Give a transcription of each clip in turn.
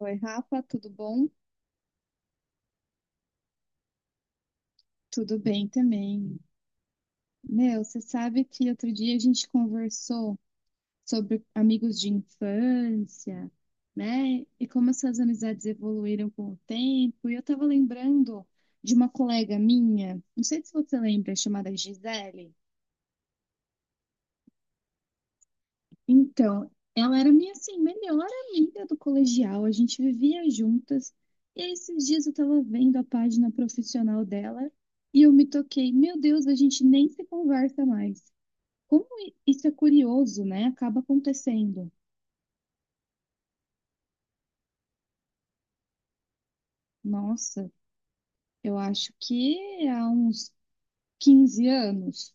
Oi, Rafa, tudo bom? Tudo bem também. Meu, você sabe que outro dia a gente conversou sobre amigos de infância, né? E como essas amizades evoluíram com o tempo. E eu tava lembrando de uma colega minha, não sei se você lembra, chamada Gisele. Então, ela era minha, assim, melhor amiga do colegial, a gente vivia juntas. E aí, esses dias eu tava vendo a página profissional dela e eu me toquei, meu Deus, a gente nem se conversa mais. Como isso é curioso, né? Acaba acontecendo. Nossa, eu acho que há uns 15 anos.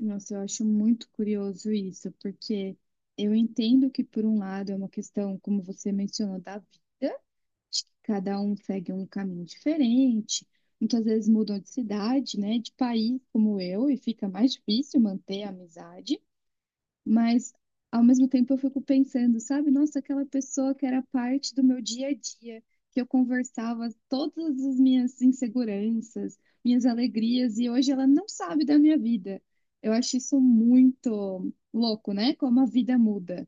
Nossa, eu acho muito curioso isso, porque eu entendo que, por um lado, é uma questão, como você mencionou, da vida. Acho que cada um segue um caminho diferente, muitas vezes mudam de cidade, né, de país, como eu, e fica mais difícil manter a amizade. Mas, ao mesmo tempo, eu fico pensando, sabe, nossa, aquela pessoa que era parte do meu dia a dia, que eu conversava todas as minhas inseguranças, minhas alegrias, e hoje ela não sabe da minha vida. Eu acho isso muito louco, né? Como a vida muda.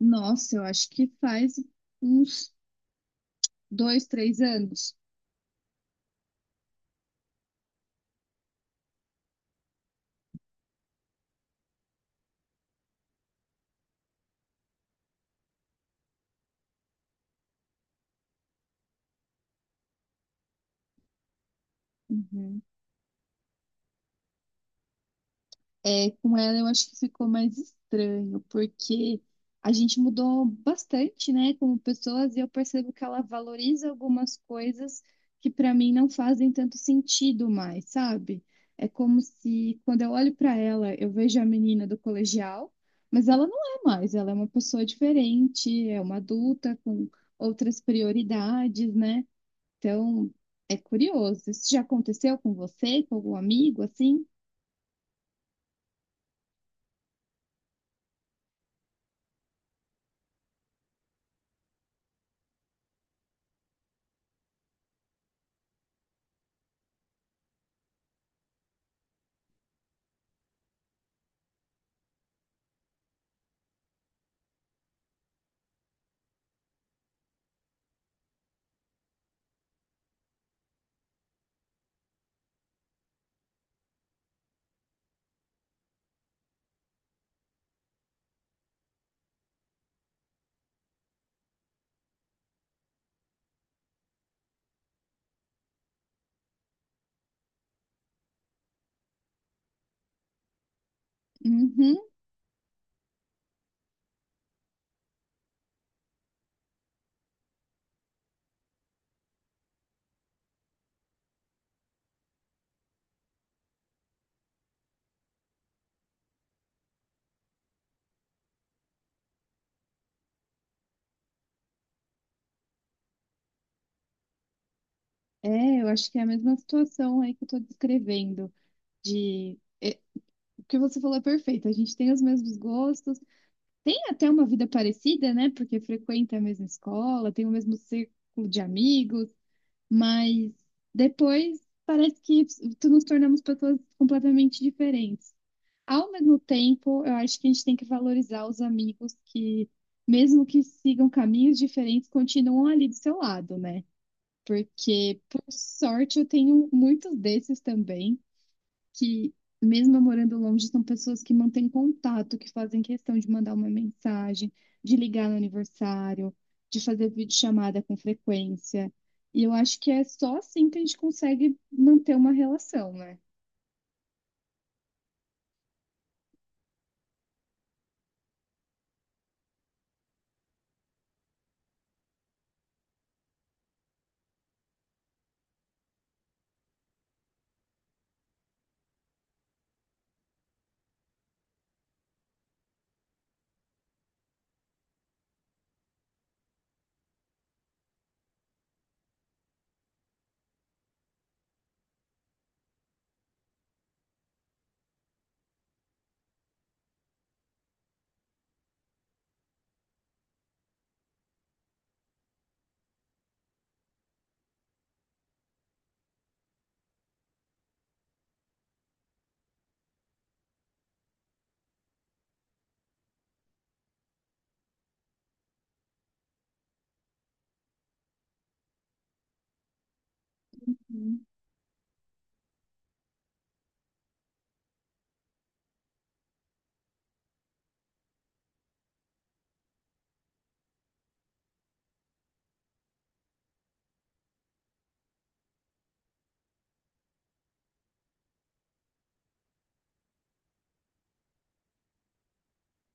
Nossa, eu acho que faz uns 2, 3 anos. Uhum. É, com ela eu acho que ficou mais estranho, porque a gente mudou bastante, né, como pessoas, e eu percebo que ela valoriza algumas coisas que pra mim não fazem tanto sentido mais, sabe? É como se quando eu olho pra ela, eu vejo a menina do colegial, mas ela não é mais, ela é uma pessoa diferente, é uma adulta com outras prioridades, né? Então, é curioso. Isso já aconteceu com você, com algum amigo assim? Uhum. É, eu acho que é a mesma situação aí que eu tô descrevendo, de... o que você falou é perfeito, a gente tem os mesmos gostos, tem até uma vida parecida, né? Porque frequenta a mesma escola, tem o mesmo círculo de amigos, mas depois parece que tu nos tornamos pessoas completamente diferentes. Ao mesmo tempo, eu acho que a gente tem que valorizar os amigos que, mesmo que sigam caminhos diferentes, continuam ali do seu lado, né? Porque, por sorte, eu tenho muitos desses também, que, mesmo eu morando longe, são pessoas que mantêm contato, que fazem questão de mandar uma mensagem, de ligar no aniversário, de fazer videochamada com frequência. E eu acho que é só assim que a gente consegue manter uma relação, né?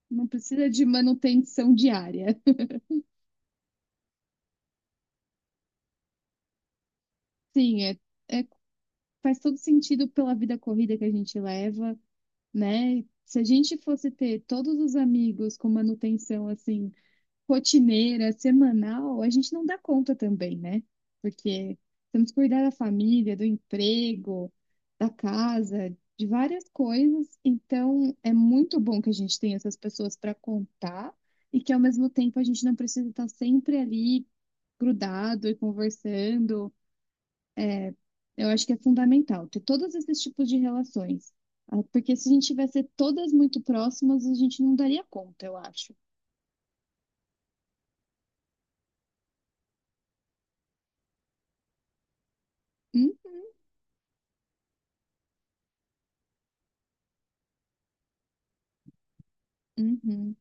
Não precisa de manutenção diária. Sim, é- faz todo sentido pela vida corrida que a gente leva, né? Se a gente fosse ter todos os amigos com manutenção assim, rotineira, semanal, a gente não dá conta também, né? Porque temos que cuidar da família, do emprego, da casa, de várias coisas. Então, é muito bom que a gente tenha essas pessoas para contar e que ao mesmo tempo a gente não precisa estar sempre ali grudado e conversando. Eu acho que é fundamental ter todos esses tipos de relações. Ah, porque se a gente tivesse todas muito próximas, a gente não daria conta, eu acho. Hum? Uhum.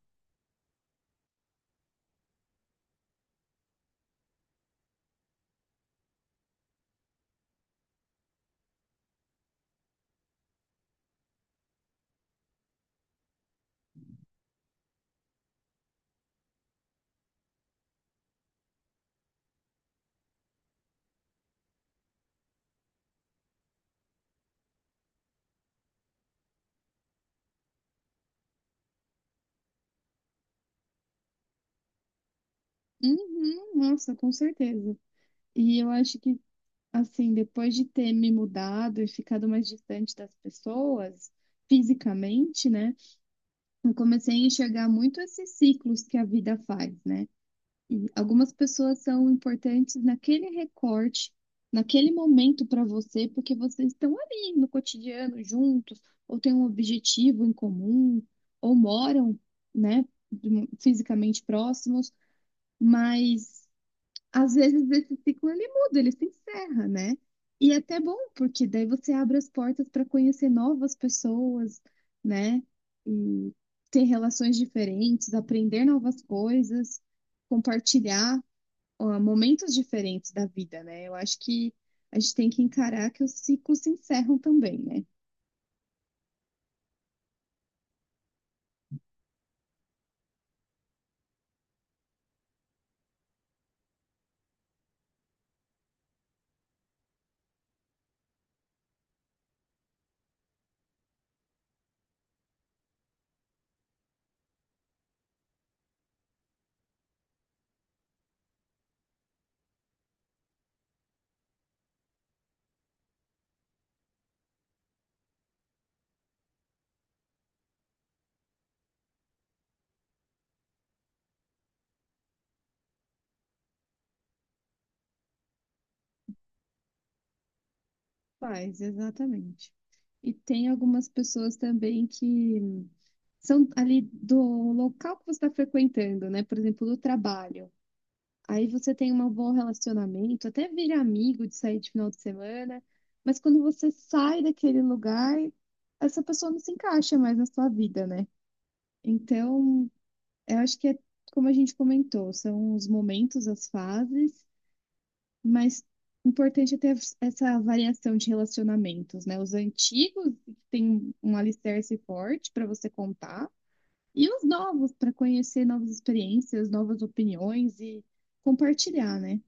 Uhum. Nossa, com certeza. E eu acho que, assim, depois de ter me mudado e ficado mais distante das pessoas, fisicamente, né? Eu comecei a enxergar muito esses ciclos que a vida faz, né? E algumas pessoas são importantes naquele recorte, naquele momento para você, porque vocês estão ali no cotidiano juntos, ou têm um objetivo em comum, ou moram, né, fisicamente próximos, mas às vezes esse ciclo ele muda, ele se encerra, né? E é até bom, porque daí você abre as portas para conhecer novas pessoas, né? E ter relações diferentes, aprender novas coisas, compartilhar ó, momentos diferentes da vida, né? Eu acho que a gente tem que encarar que os ciclos se encerram também, né? Faz, exatamente. E tem algumas pessoas também que são ali do local que você está frequentando, né? Por exemplo, do trabalho. Aí você tem um bom relacionamento, até vira amigo de sair de final de semana, mas quando você sai daquele lugar, essa pessoa não se encaixa mais na sua vida, né? Então, eu acho que é como a gente comentou, são os momentos, as fases, mas o importante é ter essa variação de relacionamentos, né? Os antigos, que tem um alicerce forte para você contar, e os novos, para conhecer novas experiências, novas opiniões e compartilhar, né?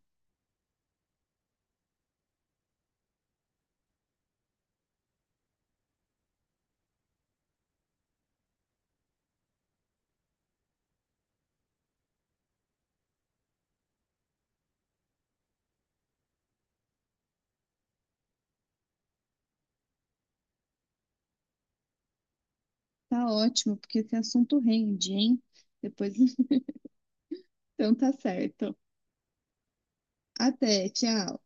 Tá ótimo, porque esse assunto rende, hein? Depois, então tá certo. Até, tchau.